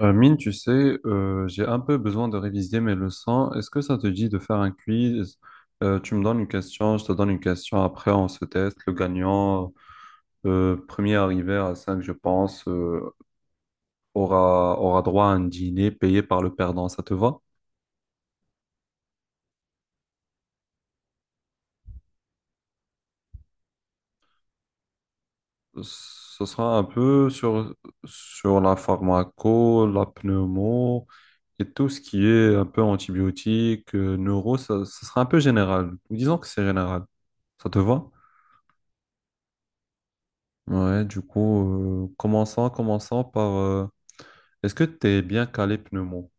Mine, tu sais, j'ai un peu besoin de réviser mes leçons. Est-ce que ça te dit de faire un quiz? Tu me donnes une question, je te donne une question. Après, on se teste. Le gagnant, premier arrivé à 5, je pense, aura droit à un dîner payé par le perdant. Ça te va? Ce sera un peu sur, sur la pharmaco, la pneumo et tout ce qui est un peu antibiotique, neuro. Ça sera un peu général. Disons que c'est général. Ça te va? Ouais, du coup, commençons par... est-ce que tu es bien calé pneumo?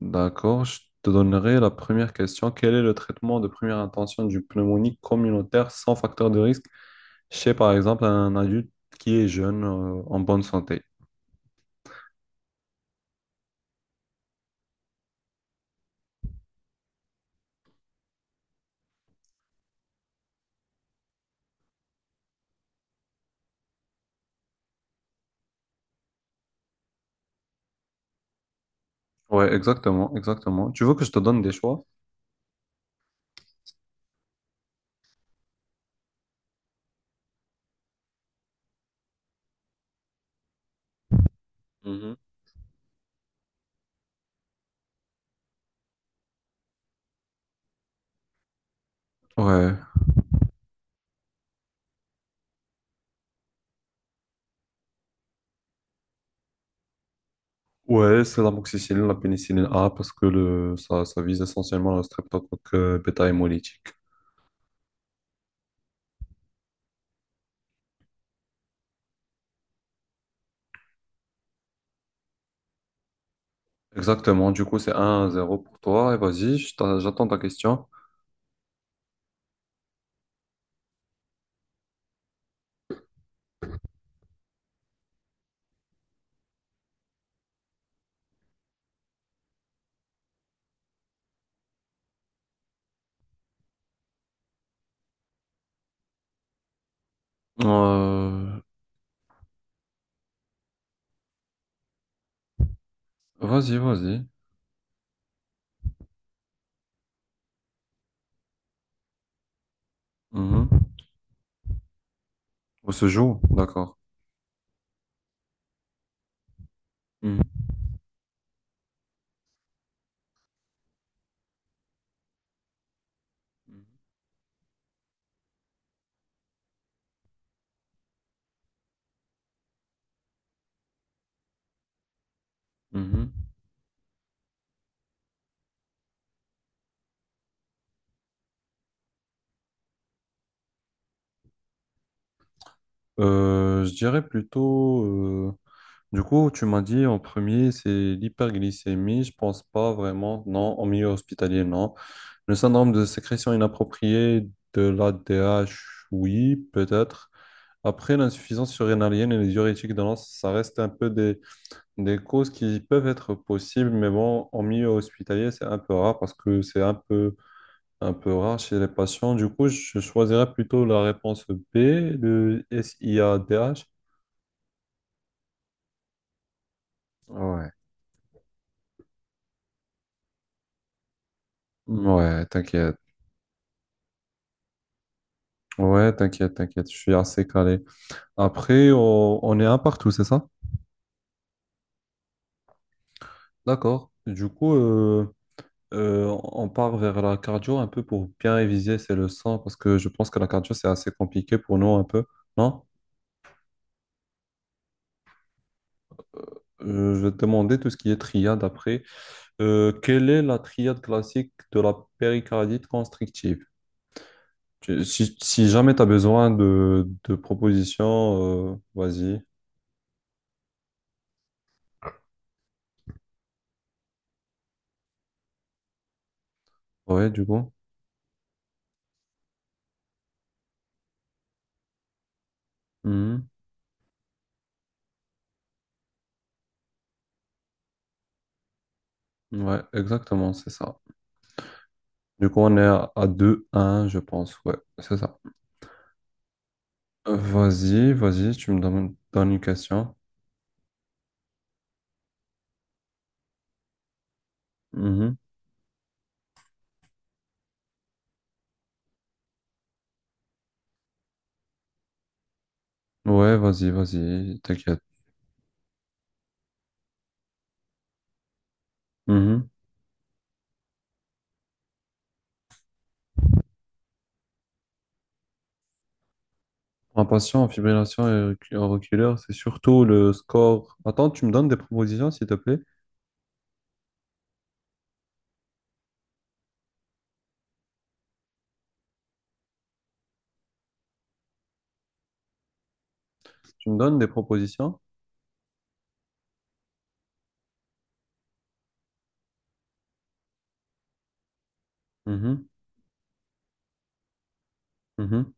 D'accord, je te donnerai la première question. Quel est le traitement de première intention du pneumonie communautaire sans facteur de risque chez, par exemple, un adulte qui est jeune, en bonne santé? Ouais, exactement, exactement. Tu veux que je te donne des choix? Mhm. Ouais. Ouais, c'est l'amoxicilline, la pénicilline A, parce que le, ça vise essentiellement le streptocoque bêta-hémolytique. Exactement, du coup c'est 1 zéro pour toi. Et vas-y, j'attends ta question. Euh, vas-y, vas-y. Mhm. On se joue, d'accord. Mhm. Mhm. Je dirais plutôt, du coup tu m'as dit en premier c'est l'hyperglycémie, je pense pas vraiment, non, en milieu hospitalier, non. Le syndrome de sécrétion inappropriée de l'ADH, oui, peut-être. Après, l'insuffisance surrénalienne et les diurétiques de l'anse, ça reste un peu des causes qui peuvent être possibles, mais bon, en milieu hospitalier, c'est un peu rare parce que c'est un peu rare chez les patients. Du coup, je choisirais plutôt la réponse B, le SIADH. Ouais, ouais, t'inquiète. Ouais, t'inquiète, t'inquiète, je suis assez calé. Après, on est un partout, c'est ça? D'accord. Du coup, on part vers la cardio un peu pour bien réviser c'est le sang parce que je pense que la cardio, c'est assez compliqué pour nous un peu, non? Je vais te demander tout ce qui est triade après. Quelle est la triade classique de la péricardite constrictive? Si, si jamais tu as besoin de propositions, vas-y. Ouais, du coup. Mhm. Ouais, exactement, c'est ça. Du coup, on est à 2-1, je pense. Ouais, c'est ça. Vas-y, vas-y, tu me donnes, donnes une question. Mhm. Ouais, vas-y, vas-y, t'inquiète. Mhm. En patient en auriculaire, c'est surtout le score. Attends, tu me donnes des propositions, s'il te plaît. Tu me donnes des propositions? Mhm,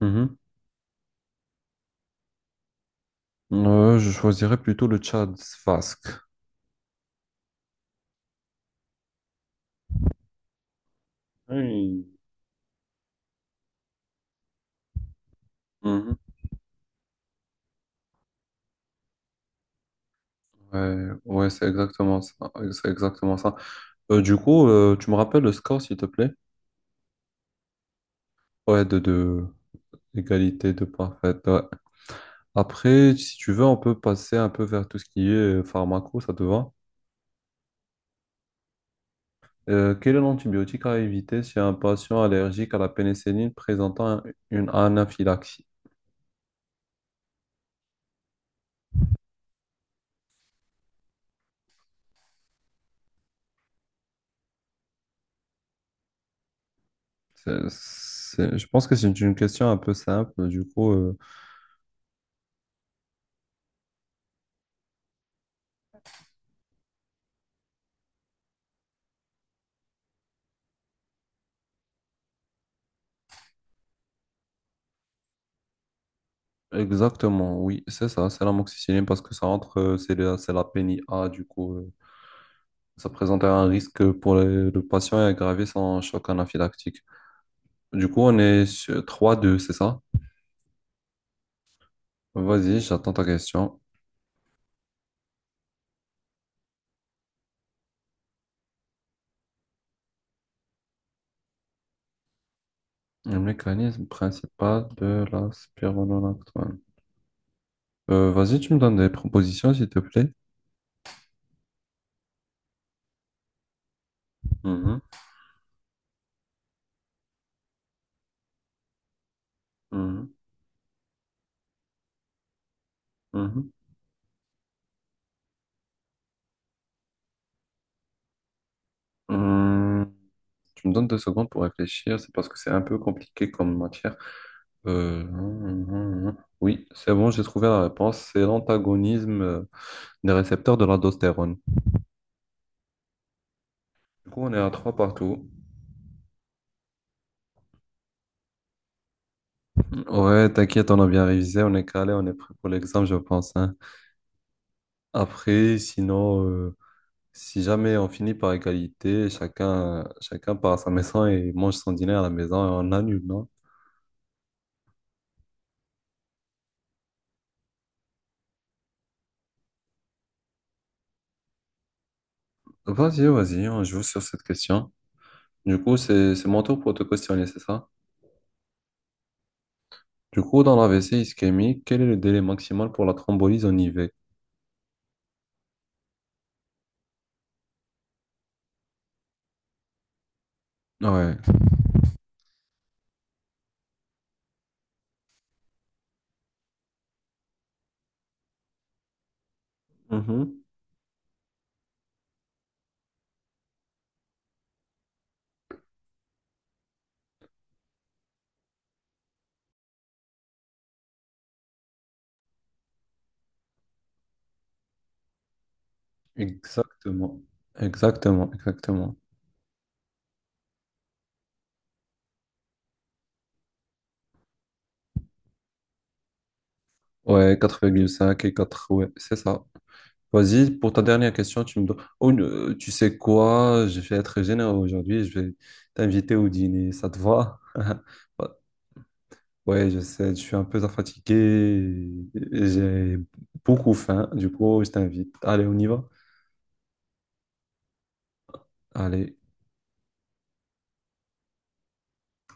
mhm. Je choisirais plutôt le Tchad vasque. Oui. Mhm. Ouais, ouais, c'est exactement ça. C'est exactement ça. Du coup, tu me rappelles le score, s'il te plaît? Ouais, de égalité de parfaite. Ouais. Après, si tu veux, on peut passer un peu vers tout ce qui est pharmaco, ça te va? Quel est l'antibiotique à éviter si un patient allergique à la pénicilline présentant une anaphylaxie? Je pense que c'est une question un peu simple. Du coup, exactement, oui, c'est ça, c'est l'amoxicilline parce que ça entre, c'est la pénie A, du coup, ça présente un risque pour le patient et aggraver son choc anaphylactique. Du coup, on est sur 3-2, c'est ça? Vas-y, j'attends ta question. Le mécanisme principal de la spironolactone. Vas-y, tu me donnes des propositions, s'il te plaît. Mhm, mhm, mhm. Hum, Tu me donnes deux secondes pour réfléchir, c'est parce que c'est un peu compliqué comme matière. Euh, hum, oui, c'est bon, j'ai trouvé la réponse. C'est l'antagonisme des récepteurs de l'aldostérone. Du coup, on est à trois partout. Ouais, t'inquiète, on a bien révisé, on est calé, on est prêt pour l'examen, je pense, hein. Après, sinon, si jamais on finit par égalité, chacun, chacun part à sa maison et mange son dîner à la maison et on annule, non? Vas-y, vas-y, on joue sur cette question. Du coup, c'est mon tour pour te questionner, c'est ça? Du coup, dans la l'AVC ischémique, quel est le délai maximal pour la thrombolyse en IV? Ouais. Mhm. Exactement. Exactement, exactement. Ouais, 4,5 et quatre. Ouais, c'est ça. Vas-y, pour ta dernière question, tu me dois... Oh, tu sais quoi? Je vais être généreux aujourd'hui, je vais t'inviter au dîner, ça te va? Ouais, je sais, je suis un peu fatigué, et j'ai beaucoup faim, du coup, je t'invite. Allez, on y va? Allez.